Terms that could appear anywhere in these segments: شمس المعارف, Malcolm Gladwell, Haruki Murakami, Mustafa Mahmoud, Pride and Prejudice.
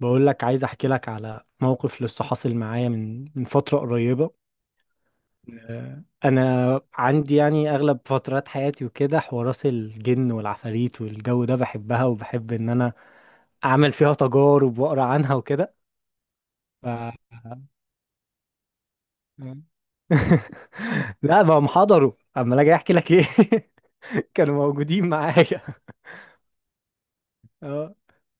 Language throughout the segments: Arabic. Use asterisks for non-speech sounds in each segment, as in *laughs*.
بقول لك عايز احكي لك على موقف لسه حاصل معايا من فترة قريبة. آه، انا عندي يعني اغلب فترات حياتي وكده حوارات الجن والعفاريت والجو ده بحبها وبحب ان انا اعمل فيها تجارب واقرا عنها وكده. ف... *laughs* لا بقى محضروا اما اجي احكي لك ايه. *laughs* كانوا موجودين معايا. اه،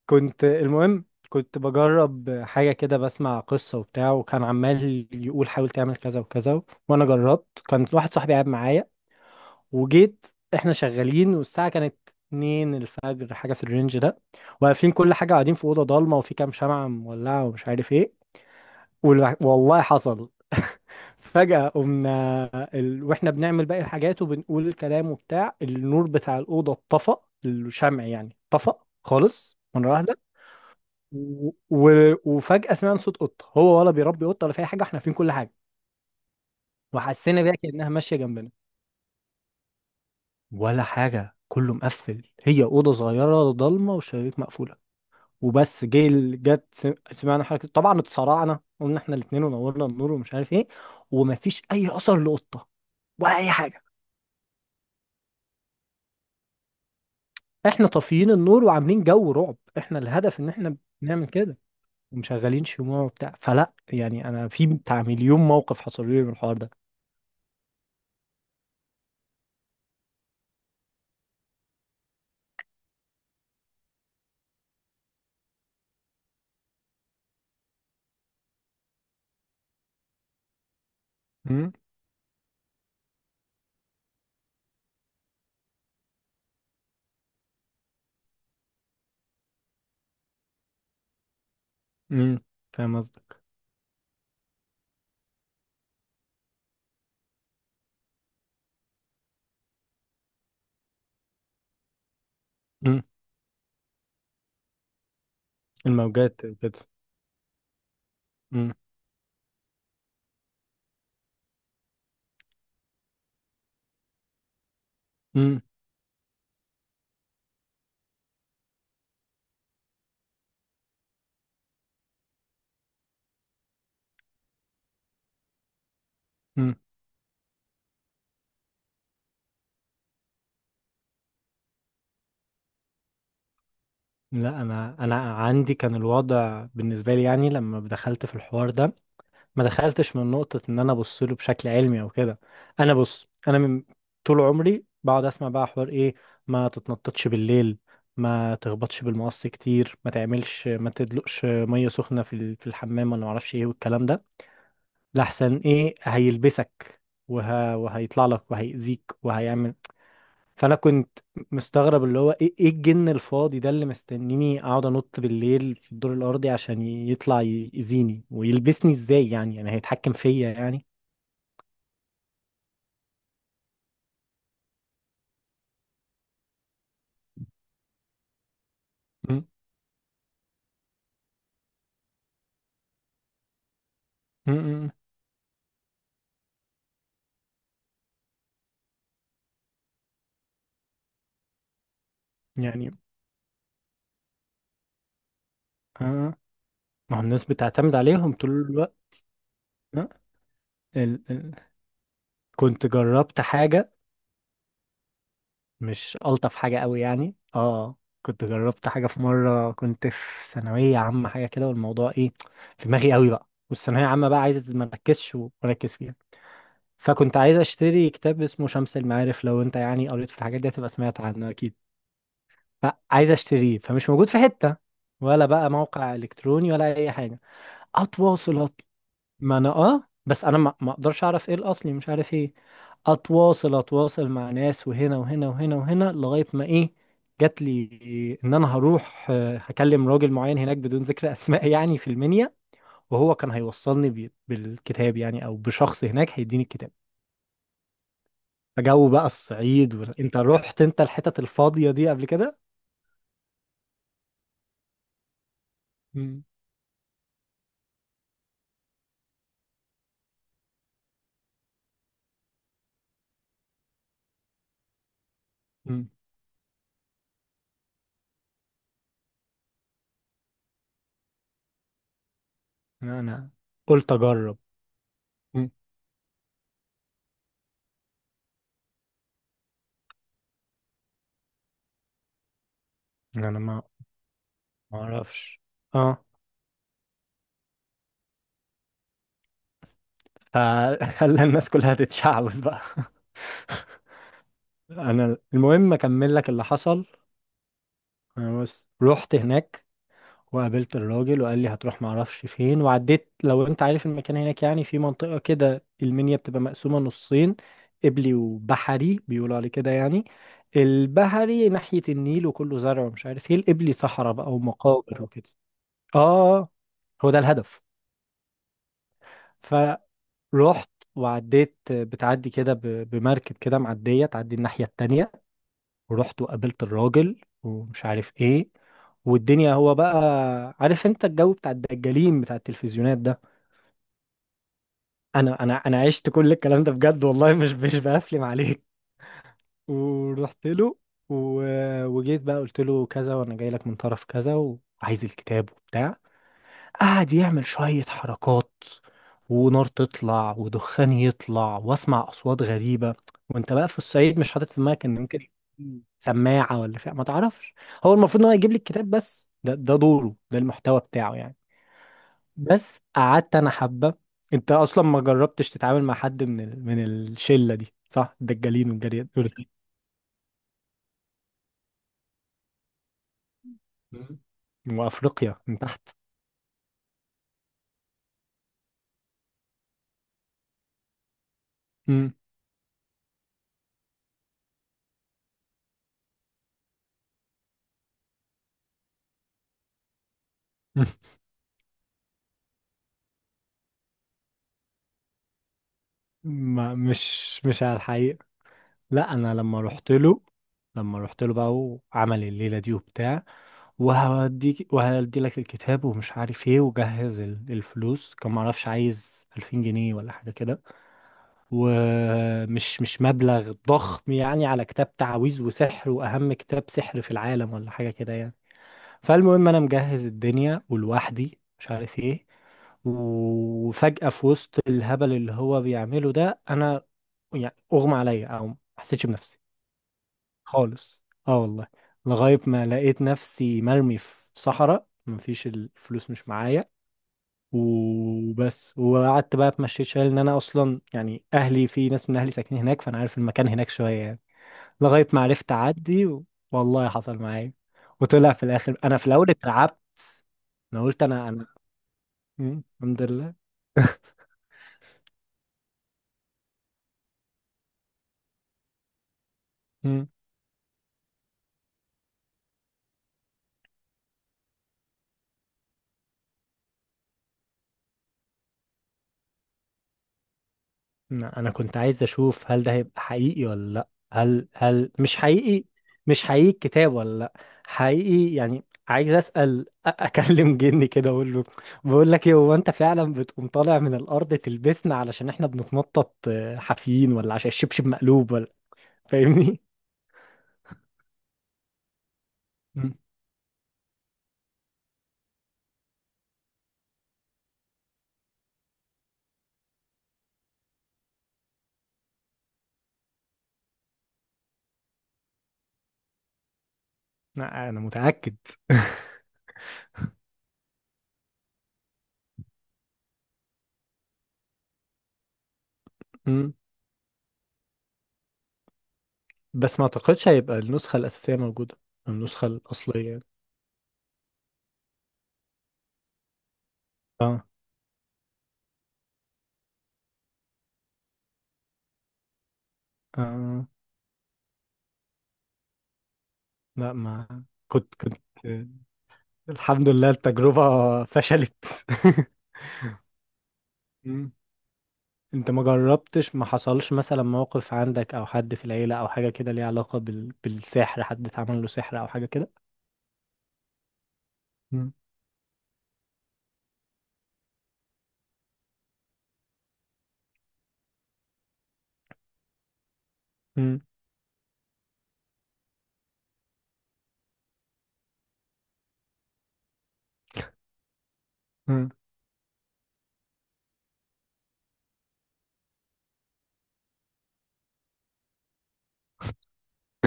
المهم كنت بجرب حاجة كده، بسمع قصة وبتاع، وكان عمال يقول حاول تعمل كذا وكذا، وأنا جربت. كان واحد صاحبي قاعد معايا، وجيت. إحنا شغالين والساعة كانت اتنين الفجر، حاجة في الرينج ده. واقفين كل حاجة، قاعدين في أوضة ضلمة وفي كام شمعة مولعة ومش عارف إيه. والله حصل. *laughs* فجأة قمنا، واحنا بنعمل باقي الحاجات وبنقول الكلام وبتاع، النور بتاع الأوضة اتطفى. الشمع يعني اتطفى خالص مرة واحدة. وفجأة سمعنا صوت قطة. هو ولا بيربي قطة، ولا في أي حاجة، احنا فين، كل حاجة. وحسينا بيها كأنها ماشية جنبنا، ولا حاجة، كله مقفل، هي أوضة صغيرة ضلمة والشبابيك مقفولة. وبس جه ال- جت سم- سمعنا حركة. طبعا اتسرعنا، قلنا احنا الاتنين ونورنا النور ومش عارف ايه، ومفيش أي أثر لقطة ولا أي حاجة. احنا طافيين النور وعاملين جو رعب، احنا الهدف ان احنا بنعمل كده ومشغلين شموع وبتاع، فلا يعني انا في بتاع مليون موقف حصل لي من الحوار ده. امم. فاهم قصدك. امم. الموجات كده. امم. امم. امم. لا، انا عندي كان الوضع بالنسبه لي يعني لما دخلت في الحوار ده، ما دخلتش من نقطه ان انا ابص له بشكل علمي او كده. انا بص، انا من طول عمري بقعد اسمع بقى حوار ايه، ما تتنططش بالليل، ما تخبطش بالمقص كتير، ما تعملش، ما تدلقش ميه سخنه في الحمام، ولا ما اعرفش ايه والكلام ده، لحسن ايه هيلبسك وهيطلع لك وهيأذيك وهيعمل. فانا كنت مستغرب، اللي هو ايه، ايه الجن الفاضي ده اللي مستنيني اقعد انط بالليل في الدور الارضي عشان يطلع يأذيني ويلبسني، ازاي يعني هيتحكم فيا يعني. م- م- م- يعني. آه. ما هو الناس بتعتمد عليهم طول الوقت. آه. ال... ال... كنت جربت حاجة مش ألطف حاجة قوي يعني. اه، كنت جربت حاجة في مرة، كنت في ثانوية عامة حاجة كده، والموضوع ايه، في دماغي قوي بقى والثانوية عامة بقى، عايز ما اركزش واركز فيها. فكنت عايز اشتري كتاب اسمه شمس المعارف، لو انت يعني قريت في الحاجات دي هتبقى سمعت عنه اكيد. فعايز اشتريه فمش موجود في حتة، ولا بقى موقع الكتروني ولا اي حاجة. اتواصل، ما انا اه، بس انا ما اقدرش اعرف ايه الاصلي، مش عارف ايه. اتواصل مع ناس وهنا وهنا وهنا وهنا لغاية ما ايه، جات لي ان انا هروح، هكلم راجل معين هناك بدون ذكر اسماء يعني في المنيا، وهو كان هيوصلني بالكتاب يعني، او بشخص هناك هيديني الكتاب. جو بقى الصعيد. انت رحت انت الحتت الفاضية دي قبل كده؟ مم. مم. لا، انا قلت اجرب. مم. انا ما اعرفش. اه. فخلى *laughs* الناس كلها تتشعبط بقى. *laughs* انا المهم اكمل لك اللي حصل. انا بس رحت هناك، وقابلت الراجل وقال لي هتروح معرفش فين، وعديت. لو انت عارف المكان هناك يعني، في منطقة كده المنيا بتبقى مقسومة نصين، قبلي وبحري بيقولوا عليه كده يعني. البحري ناحية النيل وكله زرع ومش عارف ايه، القبلي صحراء بقى ومقابر وكده. اه. هو ده الهدف. فروحت وعديت، بتعدي كده بمركب كده معدية، تعدي الناحية التانية. ورحت وقابلت الراجل ومش عارف ايه، والدنيا هو بقى، عارف انت الجو بتاع الدجالين بتاع التلفزيونات ده. انا عشت كل الكلام ده بجد والله، مش بقفلم عليك. *laughs* ورحت له. و... وجيت بقى، قلت له كذا وانا جاي لك من طرف كذا وعايز الكتاب وبتاع. قعد يعمل شوية حركات، ونار تطلع ودخان يطلع، واسمع اصوات غريبة. وانت بقى في الصعيد مش حاطط في دماغك ان ممكن يكون سماعة ولا فيها، ما تعرفش. هو المفروض ان هو يجيب لي الكتاب بس، ده دوره، ده المحتوى بتاعه يعني. بس قعدت انا حبة. انت اصلا ما جربتش تتعامل مع حد من الشلة دي صح، الدجالين والجريان وافريقيا من تحت. مم. *laughs* ما مش على الحقيقة. لا، انا لما رحت له، لما رحت له بقى، وعمل الليله دي وبتاع، وهوديك وهدي لك الكتاب ومش عارف ايه، وجهز الفلوس. كان معرفش، عايز 2000 جنيه ولا حاجه كده، ومش مش مبلغ ضخم يعني على كتاب تعاويذ وسحر واهم كتاب سحر في العالم ولا حاجه كده يعني. فالمهم انا مجهز الدنيا ولوحدي مش عارف ايه، وفجأة في وسط الهبل اللي هو بيعمله ده، انا يعني اغمى عليا او ما حسيتش بنفسي خالص. اه والله. لغاية ما لقيت نفسي مرمي في صحراء، مفيش، الفلوس مش معايا وبس. وقعدت بقى اتمشيت شويه، لان انا اصلا يعني اهلي، في ناس من اهلي ساكنين هناك فانا عارف المكان هناك شويه يعني، لغايه ما عرفت اعدي. والله حصل معايا. وطلع في الاخر، انا في الاول اترعبت. انا قلت انا. مم، الحمد لله. مم. انا كنت عايز اشوف هل ده هيبقى حقيقي ولا لا، هل مش حقيقي، مش حقيقي الكتاب ولا لا، حقيقي. يعني عايز اسال، اكلم جني كده اقول له، بقول لك ايه، هو انت فعلا بتقوم طالع من الارض تلبسنا علشان احنا بنتنطط حافيين ولا عشان الشبشب مقلوب ولا. *laughs* فاهمني. مم. لا، انا متاكد. *laughs* مم. بس ما اعتقدش هيبقى النسخه الاساسيه موجوده، النسخه الاصليه. اه. آه. لا، ما كنت. الحمد لله التجربة فشلت. *laughs* مم. انت ما جربتش، ما حصلش مثلا موقف عندك او حد في العيلة او حاجة كده ليها علاقة بالسحر، حد اتعمل له سحر او حاجة كده؟ مم. مم. مم.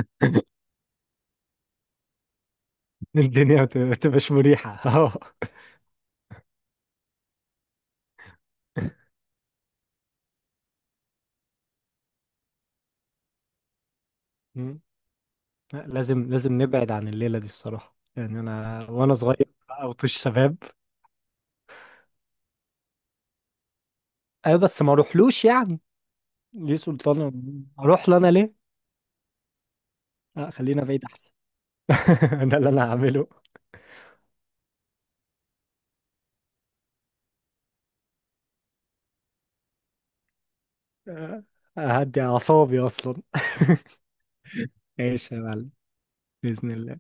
*laughs* الدنيا ما بتبقاش مريحة. *laughs* اه. مم. لا، لازم لازم نبعد عن الليلة دي الصراحة يعني، انا وانا صغير او طش شباب. ايوه بس ما اروحلوش يعني، ليه سلطان، اروح له انا ليه. لا، خلينا بعيد احسن. *laughs* ده اللي انا هعمله. آه، هدي أعصابي أصلا. *laughs* ماشي يا معلم. بإذن الله.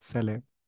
سلام.